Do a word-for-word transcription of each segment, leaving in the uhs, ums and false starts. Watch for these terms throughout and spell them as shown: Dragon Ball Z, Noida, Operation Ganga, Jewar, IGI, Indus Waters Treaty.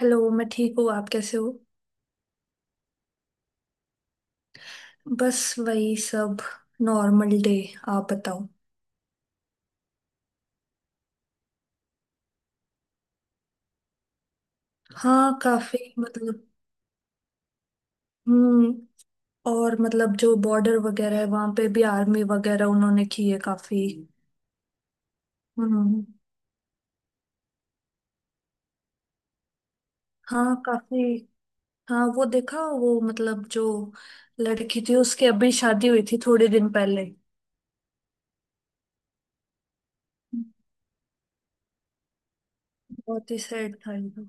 Hello. मैं ठीक हूँ। आप कैसे हो? बस वही सब। Normal day. आप बताओ। हाँ काफी, मतलब। हम्म। और मतलब जो बॉर्डर वगैरह है वहां पे भी आर्मी वगैरह उन्होंने की है काफी। हम्म। हाँ काफी। हाँ, वो देखा। वो मतलब जो लड़की थी, उसकी अभी शादी हुई थी थोड़े दिन पहले। बहुत ही सैड था ये तो।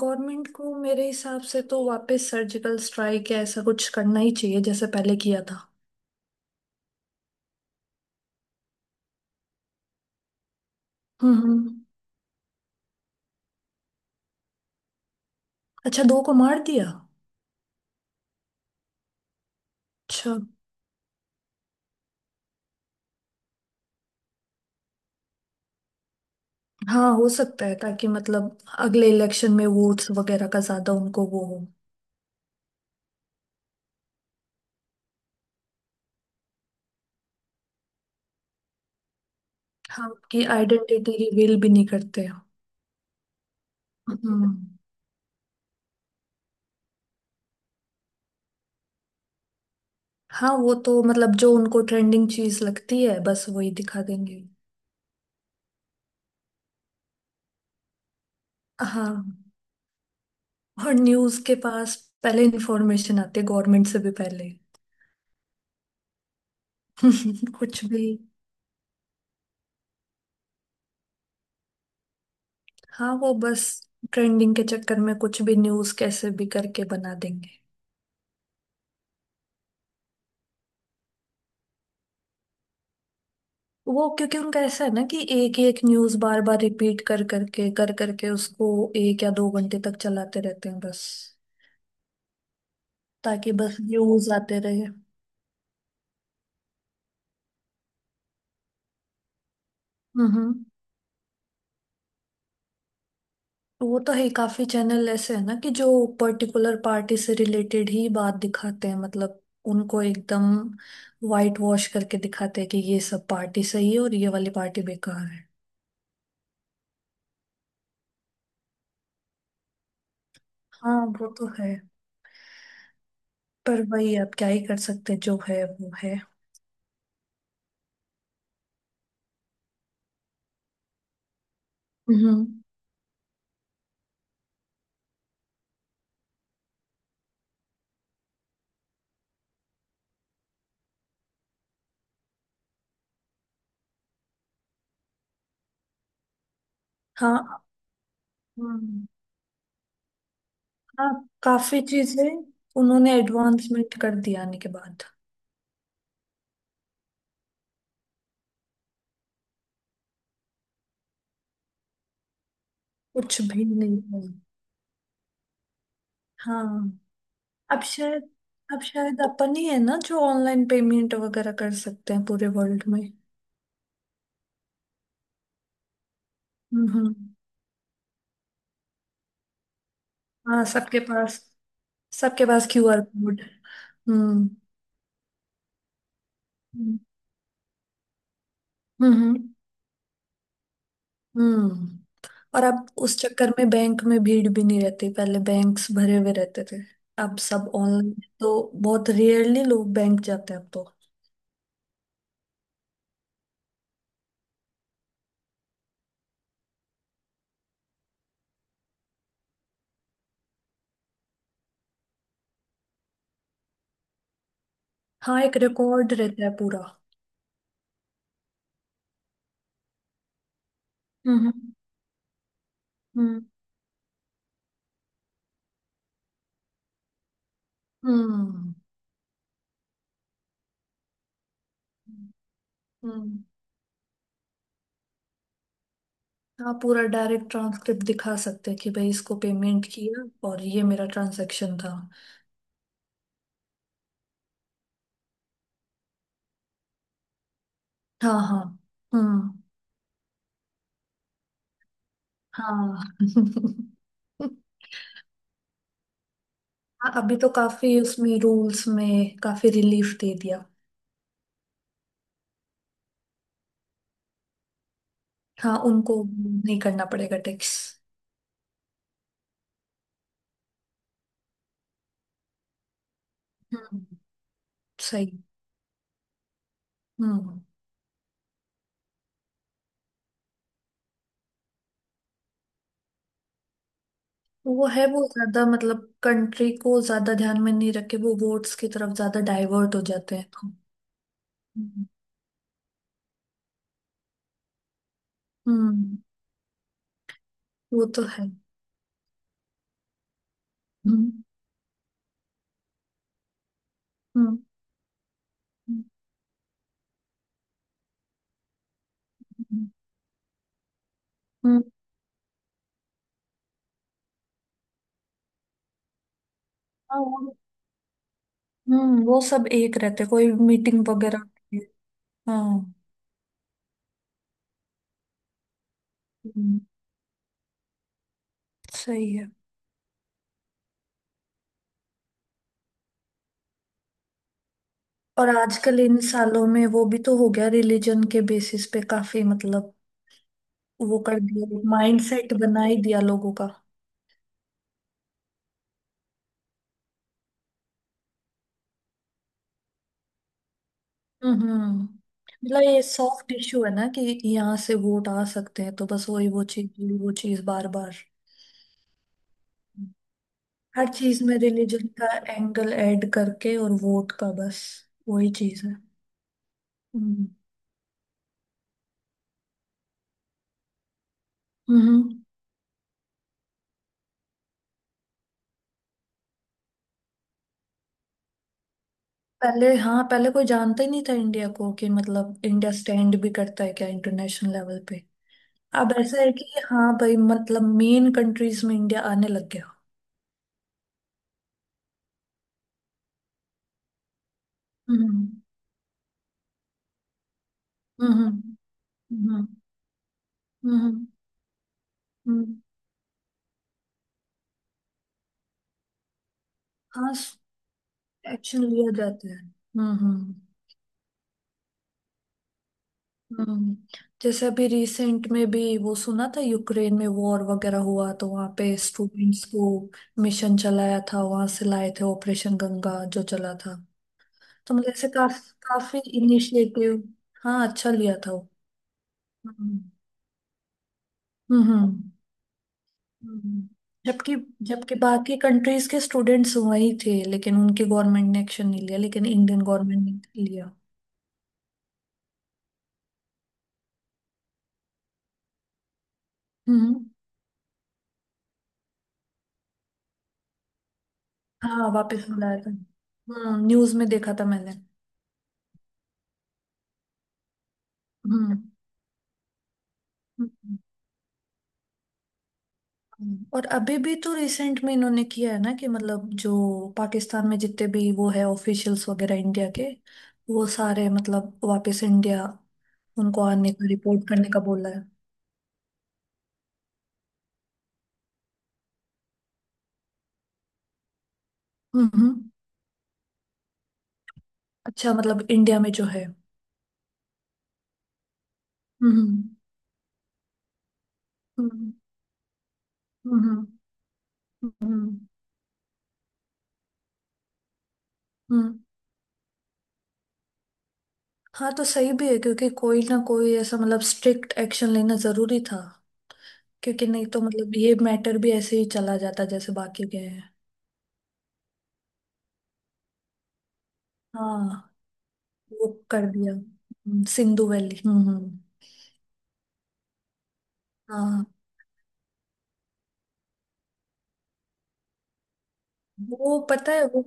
गवर्नमेंट को मेरे हिसाब से तो वापस सर्जिकल स्ट्राइक या ऐसा कुछ करना ही चाहिए, जैसे पहले किया था। हम्म। अच्छा, दो को मार दिया। अच्छा। हाँ, हो सकता है, ताकि मतलब अगले इलेक्शन में वोट्स वगैरह का ज्यादा उनको वो हो। हाँ, उनकी आइडेंटिटी रिवील भी नहीं करते। हम्म। हाँ, वो तो मतलब जो उनको ट्रेंडिंग चीज लगती है बस वही दिखा देंगे। हाँ, और न्यूज के पास पहले इंफॉर्मेशन आती है गवर्नमेंट से भी पहले। कुछ भी। हाँ, वो बस ट्रेंडिंग के चक्कर में कुछ भी न्यूज कैसे भी करके बना देंगे। वो, क्योंकि उनका ऐसा है ना कि एक ही एक न्यूज बार बार रिपीट कर करके कर करके उसको एक या दो घंटे तक चलाते रहते हैं बस। ताकि बस न्यूज आते रहे। हम्म। वो तो है ही, काफी चैनल ऐसे है ना कि जो पर्टिकुलर पार्टी से रिलेटेड ही बात दिखाते हैं, मतलब उनको एकदम वाइट वॉश करके दिखाते हैं कि ये सब पार्टी सही है और ये वाली पार्टी बेकार है। हाँ वो तो है। पर वही, आप क्या ही कर सकते हैं, जो है वो है। हम्म। हाँ। हम्म। हाँ, काफी चीजें उन्होंने एडवांसमेंट कर दिया आने के बाद। कुछ भी नहीं है। हाँ, अब शायद अब शायद अपन ही है ना जो ऑनलाइन पेमेंट वगैरह कर सकते हैं पूरे वर्ल्ड में। हम्म। हम्म। हाँ सबके पास सबके पास क्यूआर कोड। हम्म। हम्म। हम्म। हम्म। और अब उस चक्कर में बैंक में भीड़ भी नहीं रहती, पहले बैंक्स भरे हुए रहते थे। अब सब ऑनलाइन। तो बहुत रेयरली लोग बैंक जाते हैं अब तो। हाँ, एक रिकॉर्ड रहता है पूरा। हम्म। हम्म। हम्म। हम्म। हम्म। आप पूरा डायरेक्ट ट्रांसक्रिप्ट दिखा सकते हैं कि भाई इसको पेमेंट किया, और ये मेरा ट्रांजैक्शन था। हाँ हाँ। हम्म। हाँ। हाँ, अभी तो काफी उसमें रूल्स में काफी रिलीफ दे दिया। हाँ, उनको नहीं करना पड़ेगा टैक्स। हम्म। सही। हम्म। वो है, वो ज्यादा मतलब कंट्री को ज्यादा ध्यान में नहीं रखे, वो वोट्स की तरफ ज्यादा डाइवर्ट हो जाते हैं तो। हम्म। हम्म, वो तो है। हम्म। हम्म। हम्म, हम्म, हम्म। हाँ, वो हम्म, वो सब एक रहते, कोई मीटिंग वगैरह नहीं है। हाँ। हम्म, सही है। और आजकल इन सालों में वो भी तो हो गया रिलीजन के बेसिस पे काफी, मतलब वो कर दिया, माइंडसेट बना ही दिया लोगों का। हम्म। हम्म। मतलब ये सॉफ्ट इशू है ना कि यहाँ से वोट आ सकते हैं, तो बस वही वो चीज वही वो चीज बार बार। हर चीज में रिलीजन का एंगल ऐड करके और वोट का बस, वही चीज है। हम्म। हम्म। पहले, हाँ, पहले कोई जानता ही नहीं था इंडिया को, कि मतलब इंडिया स्टैंड भी करता है क्या इंटरनेशनल लेवल पे। अब ऐसा है कि हाँ भाई, मतलब मेन कंट्रीज में इंडिया आने लग गया। हम्म। हम्म। हम्म। हम्म। हम्म। हाँ, एक्शन लिया जाता है। हम्म। हम्म। हम्म। जैसे अभी रिसेंट में भी वो सुना था, यूक्रेन में वॉर वगैरह हुआ तो वहाँ पे स्टूडेंट्स को मिशन चलाया था, वहां से लाए थे, ऑपरेशन गंगा जो चला था। तो मुझे ऐसे काफी काफी इनिशिएटिव। हाँ, अच्छा लिया था वो। हम्म। हम्म। हम्म, हम्म। जबकि जबकि बाकी कंट्रीज के स्टूडेंट्स वही थे, लेकिन उनकी गवर्नमेंट ने एक्शन नहीं लिया, लेकिन इंडियन गवर्नमेंट ने लिया। हम्म। हाँ, वापस बुलाया था। हम्म, न्यूज में देखा था मैंने। हम्म। हम्म, हम्म। और अभी भी तो रिसेंट में इन्होंने किया है ना कि मतलब जो पाकिस्तान में जितने भी वो है ऑफिशियल्स वगैरह इंडिया के, वो सारे मतलब वापस इंडिया। उनको आने का रिपोर्ट करने का बोला है। हम्म। हम्म। अच्छा, मतलब इंडिया में जो है। हम्म। हम्म। हम्म। हम्म। हम्म। हम्म, हम्म। हाँ, तो सही भी है क्योंकि कोई ना कोई ऐसा मतलब स्ट्रिक्ट एक्शन लेना जरूरी था। क्योंकि नहीं तो मतलब ये मैटर भी ऐसे ही चला जाता, जैसे बाकी गए हैं। हाँ, वो कर दिया। हम्म, सिंधु वैली। हम्म। हम्म। हाँ, वो पता है। वो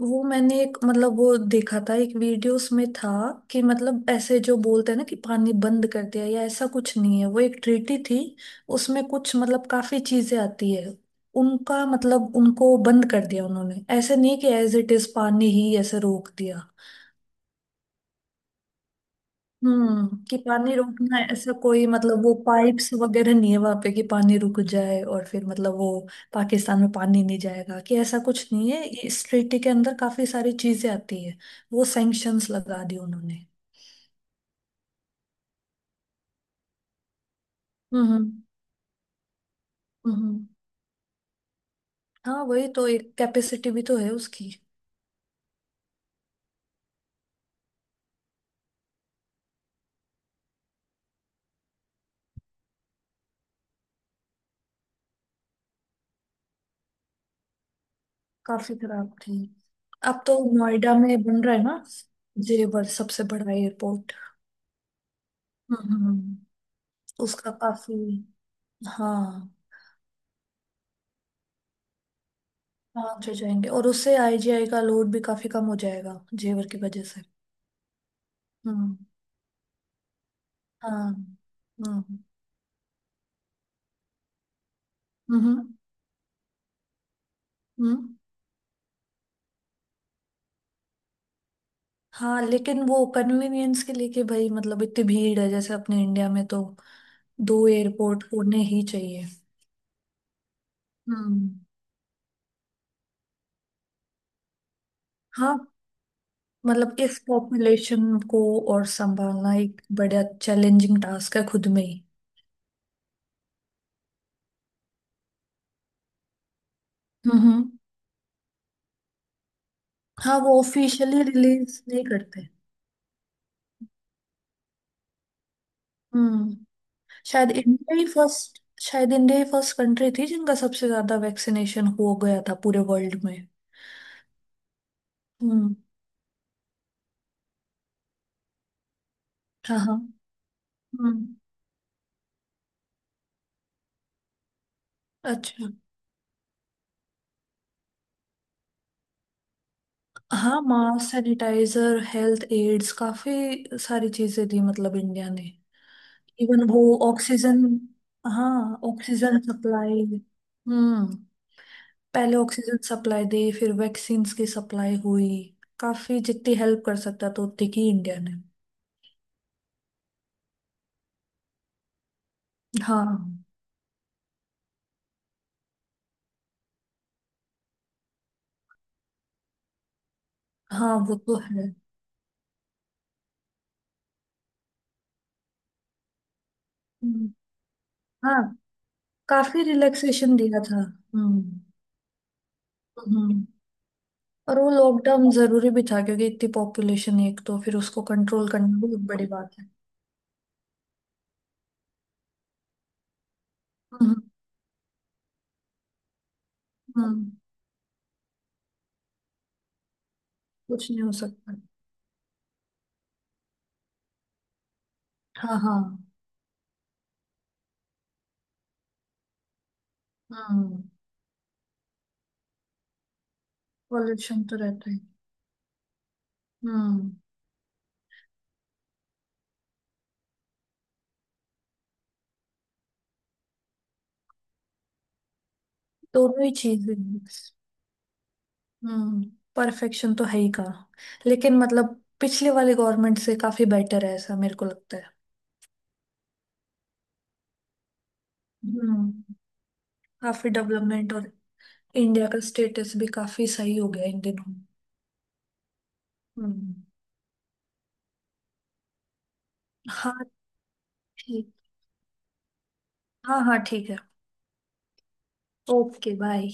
वो मैंने एक, मतलब वो देखा था, एक वीडियोस में था कि मतलब ऐसे जो बोलते हैं ना कि पानी बंद कर दिया या ऐसा कुछ नहीं है, वो एक ट्रीटी थी। उसमें कुछ मतलब काफी चीजें आती है। उनका मतलब उनको बंद कर दिया उन्होंने, ऐसे नहीं कि एज इट इज पानी ही ऐसे रोक दिया। हम्म, कि पानी रुकना है, ऐसा कोई मतलब वो पाइप्स वगैरह नहीं है वहां पे कि पानी रुक जाए, और फिर मतलब वो पाकिस्तान में पानी नहीं जाएगा, कि ऐसा कुछ नहीं है। ये इस treaty के अंदर काफी सारी चीजें आती है। वो सैंक्शंस लगा दी उन्होंने। हम्म। हम्म। हाँ, वही तो, एक कैपेसिटी भी तो है उसकी। काफी खराब थी। अब तो नोएडा में बन रहा है ना, जेवर, सबसे बड़ा एयरपोर्ट। हम्म। हम्म, उसका काफी। हाँ हाँ, अच्छे जाएंगे, और उससे आईजीआई का लोड भी काफी कम हो जाएगा जेवर की वजह से। हम्म। हाँ। हम्म। हम्म। हम्म। हाँ, लेकिन वो कन्वीनियंस के लिए कि भाई मतलब इतनी भीड़ है, जैसे अपने इंडिया में, तो दो एयरपोर्ट होने ही चाहिए। हम्म। हाँ, मतलब इस पॉपुलेशन को और संभालना एक बड़ा चैलेंजिंग टास्क है खुद में ही। हम्म। हाँ, वो ऑफिशियली रिलीज नहीं करते। हम्म। शायद इंडिया ही फर्स्ट शायद इंडिया ही फर्स्ट कंट्री थी जिनका सबसे ज्यादा वैक्सीनेशन हो गया था पूरे वर्ल्ड में। हम्म हाँ हाँ। हम्म। अच्छा। हाँ, मास्क सैनिटाइजर हेल्थ एड्स, काफी सारी चीजें दी मतलब इंडिया ने। इवन वो ऑक्सीजन। हाँ, ऑक्सीजन सप्लाई। हम्म। पहले ऑक्सीजन सप्लाई दी, फिर वैक्सीन्स की सप्लाई हुई। काफी जितनी हेल्प कर सकता था उतनी की इंडिया ने। हाँ हाँ वो तो है। हम्म, हाँ, काफी रिलैक्सेशन दिया था। हम्म। हम्म। और वो लॉकडाउन जरूरी भी था, क्योंकि इतनी पॉपुलेशन है, एक तो फिर उसको कंट्रोल करना बहुत बड़ी बात है। हम्म। हम्म। कुछ नहीं हो सकता। हाँ हाँ। हम्म। पॉल्यूशन तो रहता है। हम्म। दोनों ही चीजें। हम्म। परफेक्शन तो है ही का। लेकिन मतलब पिछले वाले गवर्नमेंट से काफी बेटर है, ऐसा मेरे को लगता है। हम्म। काफी डेवलपमेंट। और इंडिया का स्टेटस भी काफी सही हो गया इन दिनों। हम्म। हाँ, ठीक। हाँ हाँ, ठीक है। Okay, bye.